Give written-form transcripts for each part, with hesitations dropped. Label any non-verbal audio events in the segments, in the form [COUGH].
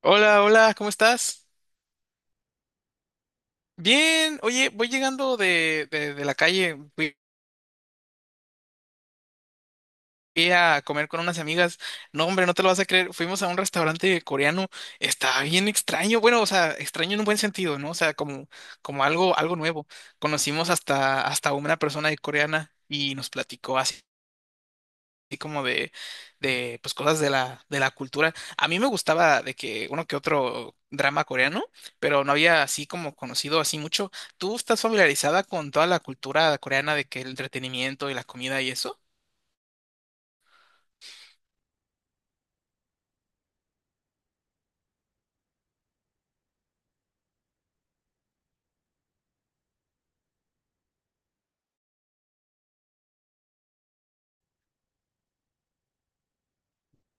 Hola, hola, ¿cómo estás? Bien, oye, voy llegando de la calle, fui a comer con unas amigas. No, hombre, no te lo vas a creer, fuimos a un restaurante coreano, está bien extraño, bueno, o sea, extraño en un buen sentido, ¿no? O sea, como algo nuevo. Conocimos hasta una persona de coreana y nos platicó así como de pues cosas de la cultura. A mí me gustaba de que uno que otro drama coreano, pero no había así como conocido así mucho. ¿Tú estás familiarizada con toda la cultura coreana de que el entretenimiento y la comida y eso?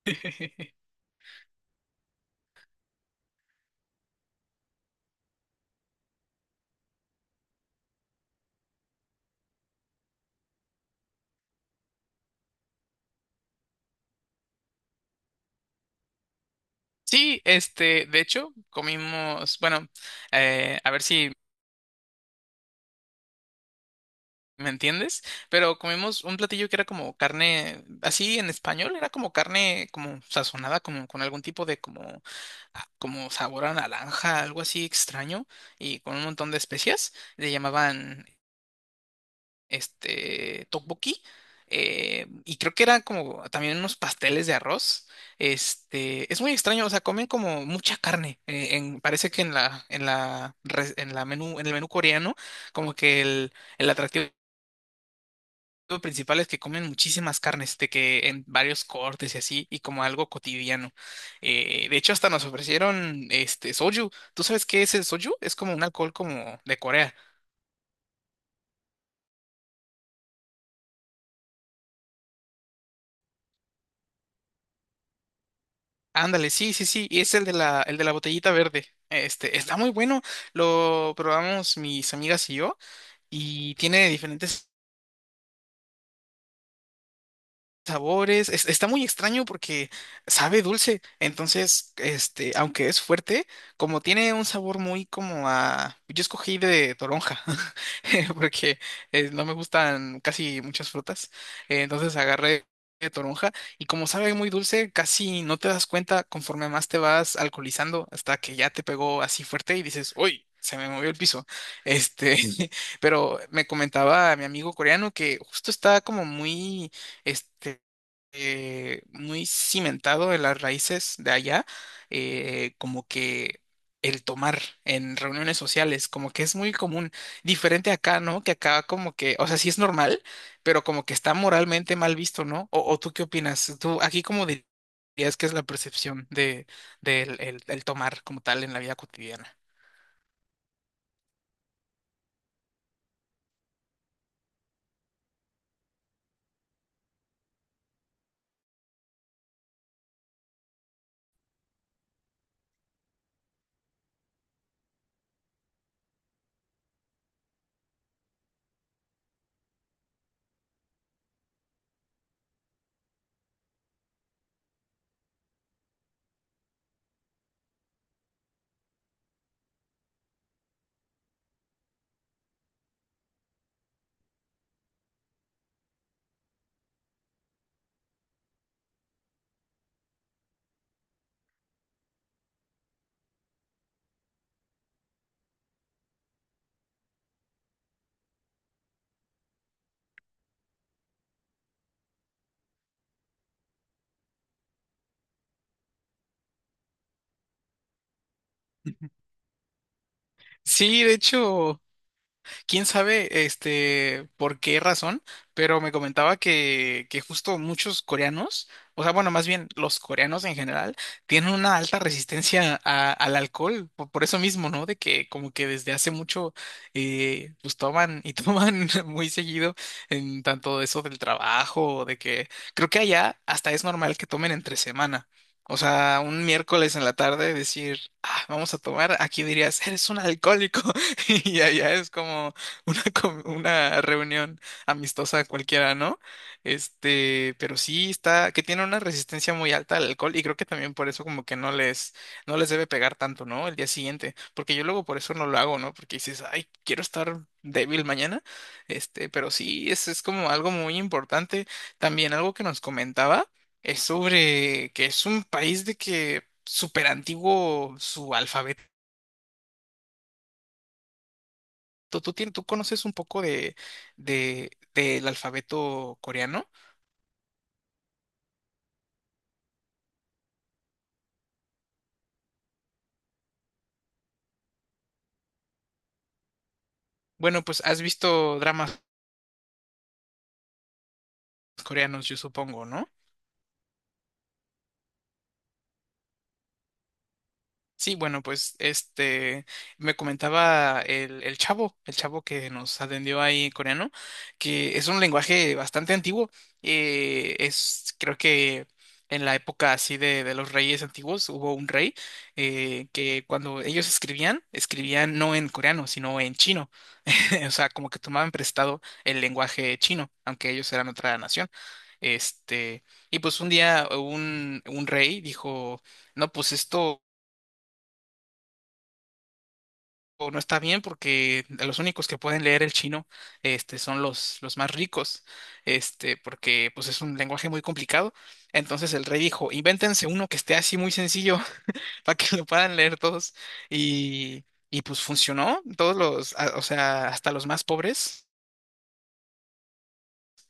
[LAUGHS] Sí, este, de hecho, comimos, bueno, a ver si, ¿me entiendes? Pero comimos un platillo que era como carne, así en español, era como carne como sazonada, como con algún tipo de como, como sabor a naranja, algo así extraño, y con un montón de especias. Le llamaban este tteokbokki. Y creo que era como también unos pasteles de arroz. Este, es muy extraño, o sea, comen como mucha carne. Parece que en el menú coreano, como que el atractivo lo principal es que comen muchísimas carnes, de que en varios cortes y así, y como algo cotidiano. De hecho, hasta nos ofrecieron este soju. ¿Tú sabes qué es el soju? Es como un alcohol como de Corea. Ándale, sí, sí, sí. Y es el de la botellita verde. Este, está muy bueno. Lo probamos mis amigas y yo, y tiene diferentes sabores. Está muy extraño porque sabe dulce. Entonces, este, aunque es fuerte, como tiene un sabor muy como a... Yo escogí de toronja [LAUGHS] porque no me gustan casi muchas frutas. Entonces agarré de toronja y como sabe muy dulce, casi no te das cuenta conforme más te vas alcoholizando hasta que ya te pegó así fuerte y dices, ¡Uy! Se me movió el piso. Este, [LAUGHS] pero me comentaba mi amigo coreano que justo está como muy, este, muy cimentado en las raíces de allá, como que el tomar en reuniones sociales, como que es muy común, diferente acá, ¿no? Que acá como que, o sea, sí es normal, pero como que está moralmente mal visto, ¿no? ¿O tú qué opinas? ¿Tú aquí cómo dirías que es la percepción de, del el tomar como tal en la vida cotidiana? Sí, de hecho, quién sabe este por qué razón, pero me comentaba que justo... muchos coreanos, o sea, bueno, más bien los coreanos en general, tienen una alta resistencia a- al alcohol, por eso mismo, ¿no? De que como que desde hace mucho pues toman y [LAUGHS] toman muy seguido en tanto eso del trabajo, de que creo que allá hasta es normal que tomen entre semana. O sea, un miércoles en la tarde decir, ah, vamos a tomar, aquí dirías, eres un alcohólico. [LAUGHS] Y allá es como, [LAUGHS] una, com- una reunión amistosa cualquiera, ¿no? Este, pero sí está, que tiene una resistencia muy alta al alcohol y creo que también por eso como que no les, no les debe pegar tanto, ¿no? El día siguiente, porque yo luego por eso no lo hago, ¿no? Porque dices, ay, quiero estar débil mañana, este, pero sí, es como algo muy importante. También algo que nos comentaba es sobre que es un país de que súper antiguo su alfabeto ¿Tú, tú, tien- tú conoces un poco de, del alfabeto coreano? Bueno, pues has visto dramas coreanos, yo supongo, ¿no? Sí, bueno, pues este me comentaba el chavo que nos atendió ahí en coreano, que es un lenguaje bastante antiguo. Es, creo que en la época así de los reyes antiguos hubo un rey que cuando ellos escribían, escribían no en coreano, sino en chino. [LAUGHS] O sea, como que tomaban prestado el lenguaje chino, aunque ellos eran otra nación. Este, y pues un día un rey dijo, no, pues esto. O no está bien porque los únicos que pueden leer el chino este, son los más ricos, este, porque pues es un lenguaje muy complicado. Entonces el rey dijo, invéntense uno que esté así muy sencillo [LAUGHS] para que lo puedan leer todos. Y, y pues funcionó, todos los, a- o sea, hasta los más pobres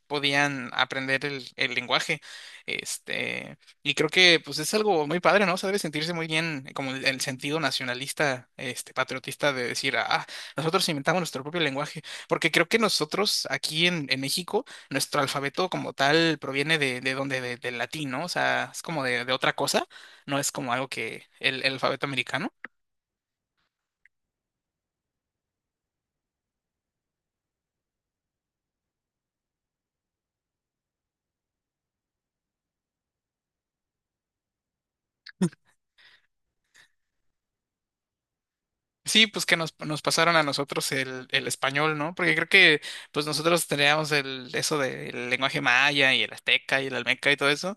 podían aprender el lenguaje. Este, y creo que pues es algo muy padre, ¿no? O sea, debe sentirse muy bien como el sentido nacionalista, este, patriotista de decir, ah, nosotros inventamos nuestro propio lenguaje, porque creo que nosotros aquí en México, nuestro alfabeto como tal proviene de donde, de- del latín, ¿no? O sea, es como de otra cosa, no es como algo que el alfabeto americano. Sí, pues que nos, nos pasaron a nosotros el español, ¿no? Porque creo que pues nosotros teníamos el, eso del lenguaje maya y el azteca y el almeca y todo eso.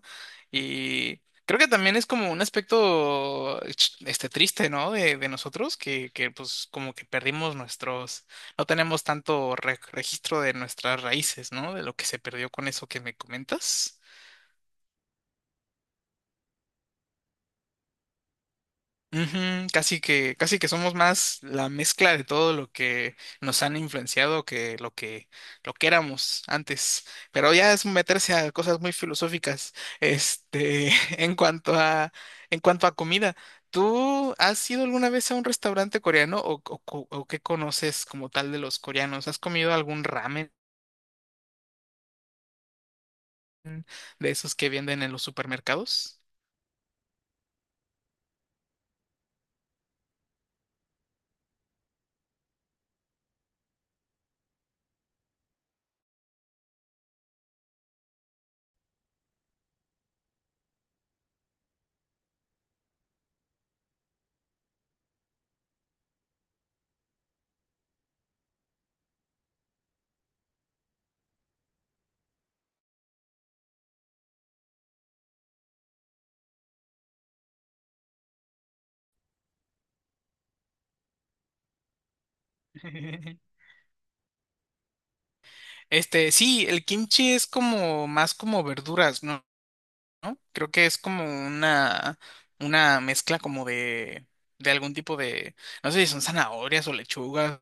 Y creo que también es como un aspecto ch- este triste, ¿no? De nosotros, que pues como que perdimos nuestros, no tenemos tanto re- registro de nuestras raíces, ¿no? De lo que se perdió con eso que me comentas. Ujú, casi que somos más la mezcla de todo lo que nos han influenciado que lo que, lo que éramos antes. Pero ya es meterse a cosas muy filosóficas. Este, [LAUGHS] en cuanto a, en cuanto a comida, ¿tú has ido alguna vez a un restaurante coreano o, co- o qué conoces como tal de los coreanos? ¿Has comido algún ramen de esos que venden en los supermercados? [LAUGHS] Este, sí, el kimchi es como más como verduras, ¿no? ¿no? Creo que es como una mezcla como de algún tipo de, no sé si son zanahorias o lechugas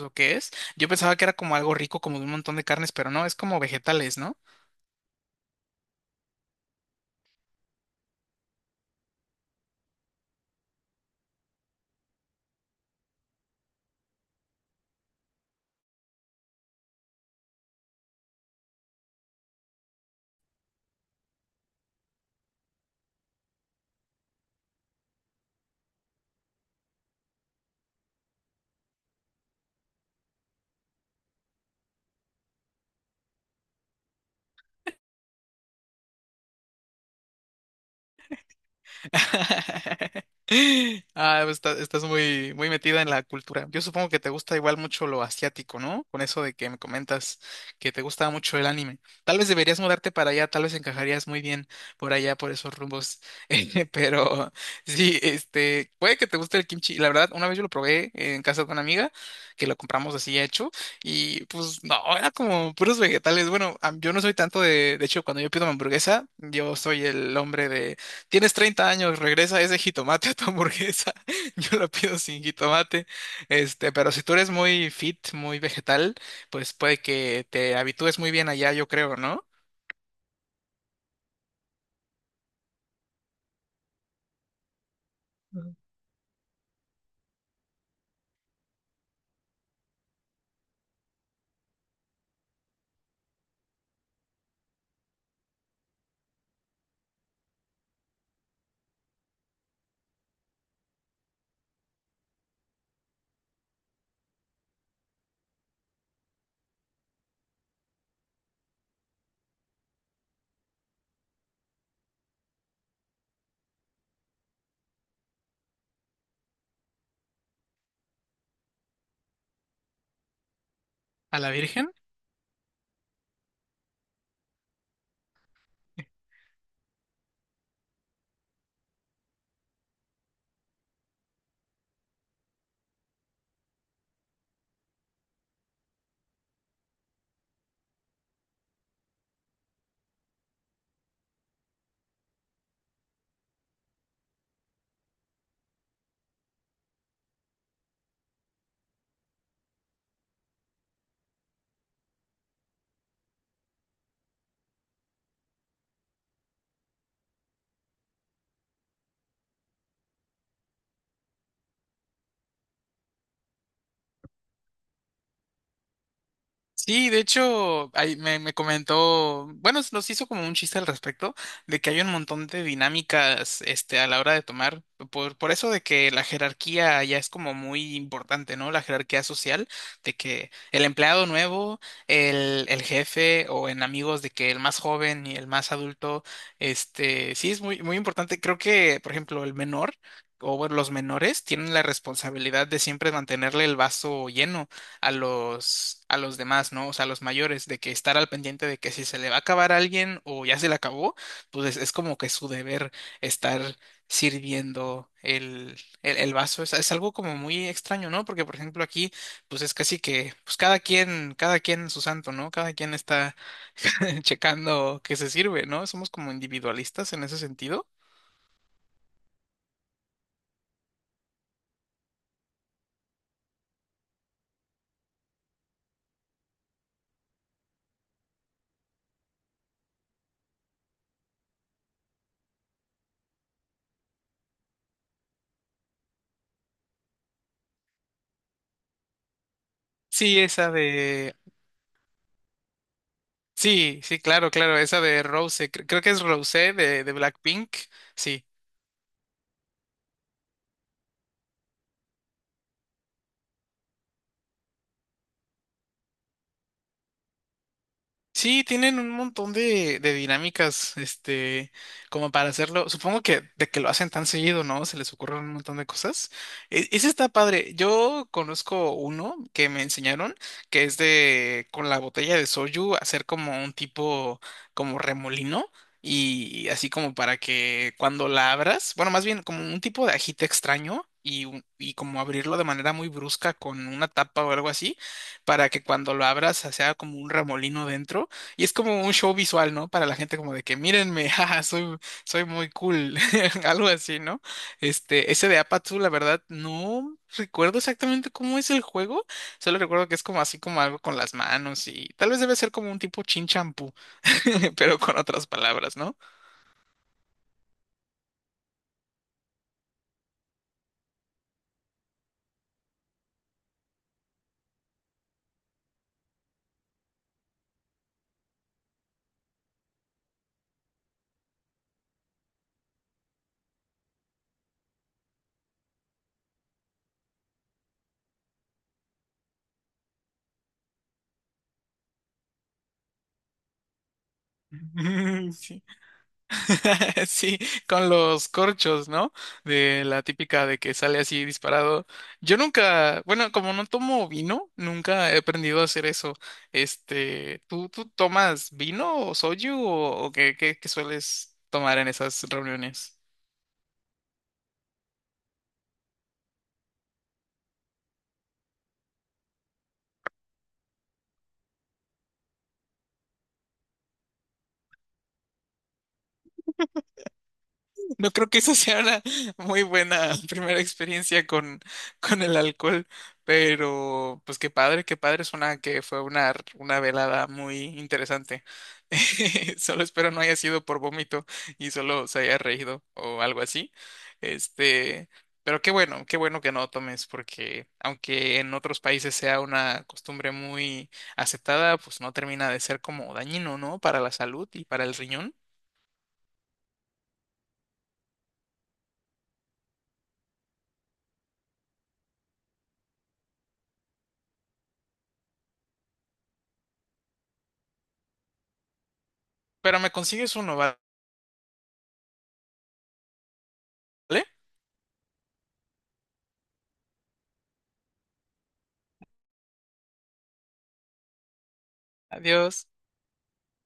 o qué es. Yo pensaba que era como algo rico, como de un montón de carnes, pero no, es como vegetales, ¿no? [LAUGHS] Ah, pues, está- estás muy, muy metida en la cultura. Yo supongo que te gusta igual mucho lo asiático, ¿no? Con eso de que me comentas que te gusta mucho el anime. Tal vez deberías mudarte para allá, tal vez encajarías muy bien por allá, por esos rumbos. [LAUGHS] Pero sí, este, puede que te guste el kimchi. La verdad, una vez yo lo probé en casa de una amiga, que lo compramos así ya hecho, y pues no, era como puros vegetales. Bueno, a- yo no soy tanto de hecho, cuando yo pido mi hamburguesa, yo soy el hombre Tienes 30 años, regresa ese jitomate a tu hamburguesa. [LAUGHS] Yo lo pido sin jitomate. Este, pero si tú eres muy fit, muy vegetal, pues puede que te habitúes muy bien allá, yo creo, ¿no? A la Virgen. Sí, de hecho, ahí me, me comentó, bueno, nos hizo como un chiste al respecto, de que hay un montón de dinámicas, este, a la hora de tomar, por eso de que la jerarquía ya es como muy importante, ¿no? La jerarquía social, de que el empleado nuevo, el jefe, o en amigos, de que el más joven y el más adulto, este, sí es muy, muy importante. Creo que, por ejemplo, el menor. O bueno, los menores tienen la responsabilidad de siempre mantenerle el vaso lleno a los demás, ¿no? O sea, a los mayores, de que estar al pendiente de que si se le va a acabar a alguien o ya se le acabó, pues es como que su deber estar sirviendo el vaso. Es algo como muy extraño, ¿no? Porque, por ejemplo, aquí, pues es casi que, pues cada quien su santo, ¿no? Cada quien está [LAUGHS] checando que se sirve, ¿no? Somos como individualistas en ese sentido. Sí, esa de... Sí, sí, claro, claro, esa de Rose, cre- creo que es Rose de Blackpink, sí. Sí, tienen un montón de dinámicas, este, como para hacerlo. Supongo que de que lo hacen tan seguido, ¿no? Se les ocurren un montón de cosas. E- ese está padre. Yo conozco uno que me enseñaron, que es de, con la botella de soju, hacer como un tipo, como remolino. Y así como para que cuando la abras, bueno, más bien como un tipo de ajite extraño y, un- y como abrirlo de manera muy brusca con una tapa o algo así, para que cuando lo abras sea como un remolino dentro y es como un show visual, ¿no? Para la gente como de que mírenme, [LAUGHS] jaja, soy, soy muy cool, [LAUGHS] algo así, ¿no? Este, ese de Apatsu, la verdad, no recuerdo exactamente cómo es el juego, solo recuerdo que es como así como algo con las manos y tal vez debe ser como un tipo chin champú, [LAUGHS] pero con otras palabras, ¿no? [LAUGHS] Sí. [LAUGHS] Sí, con los corchos, ¿no? De la típica de que sale así disparado. Yo nunca, bueno, como no tomo vino, nunca he aprendido a hacer eso. Este, ¿tú, tú tomas vino o soju o qué, qué, qué sueles tomar en esas reuniones? No creo que eso sea una muy buena [LAUGHS] primera experiencia con el alcohol, pero pues qué padre, suena que fue una velada muy interesante. [LAUGHS] Solo espero no haya sido por vómito y solo se haya reído o algo así. Este, pero qué bueno que no tomes, porque aunque en otros países sea una costumbre muy aceptada, pues no termina de ser como dañino, ¿no? Para la salud y para el riñón. Pero me consigues uno, ¿vale? Adiós.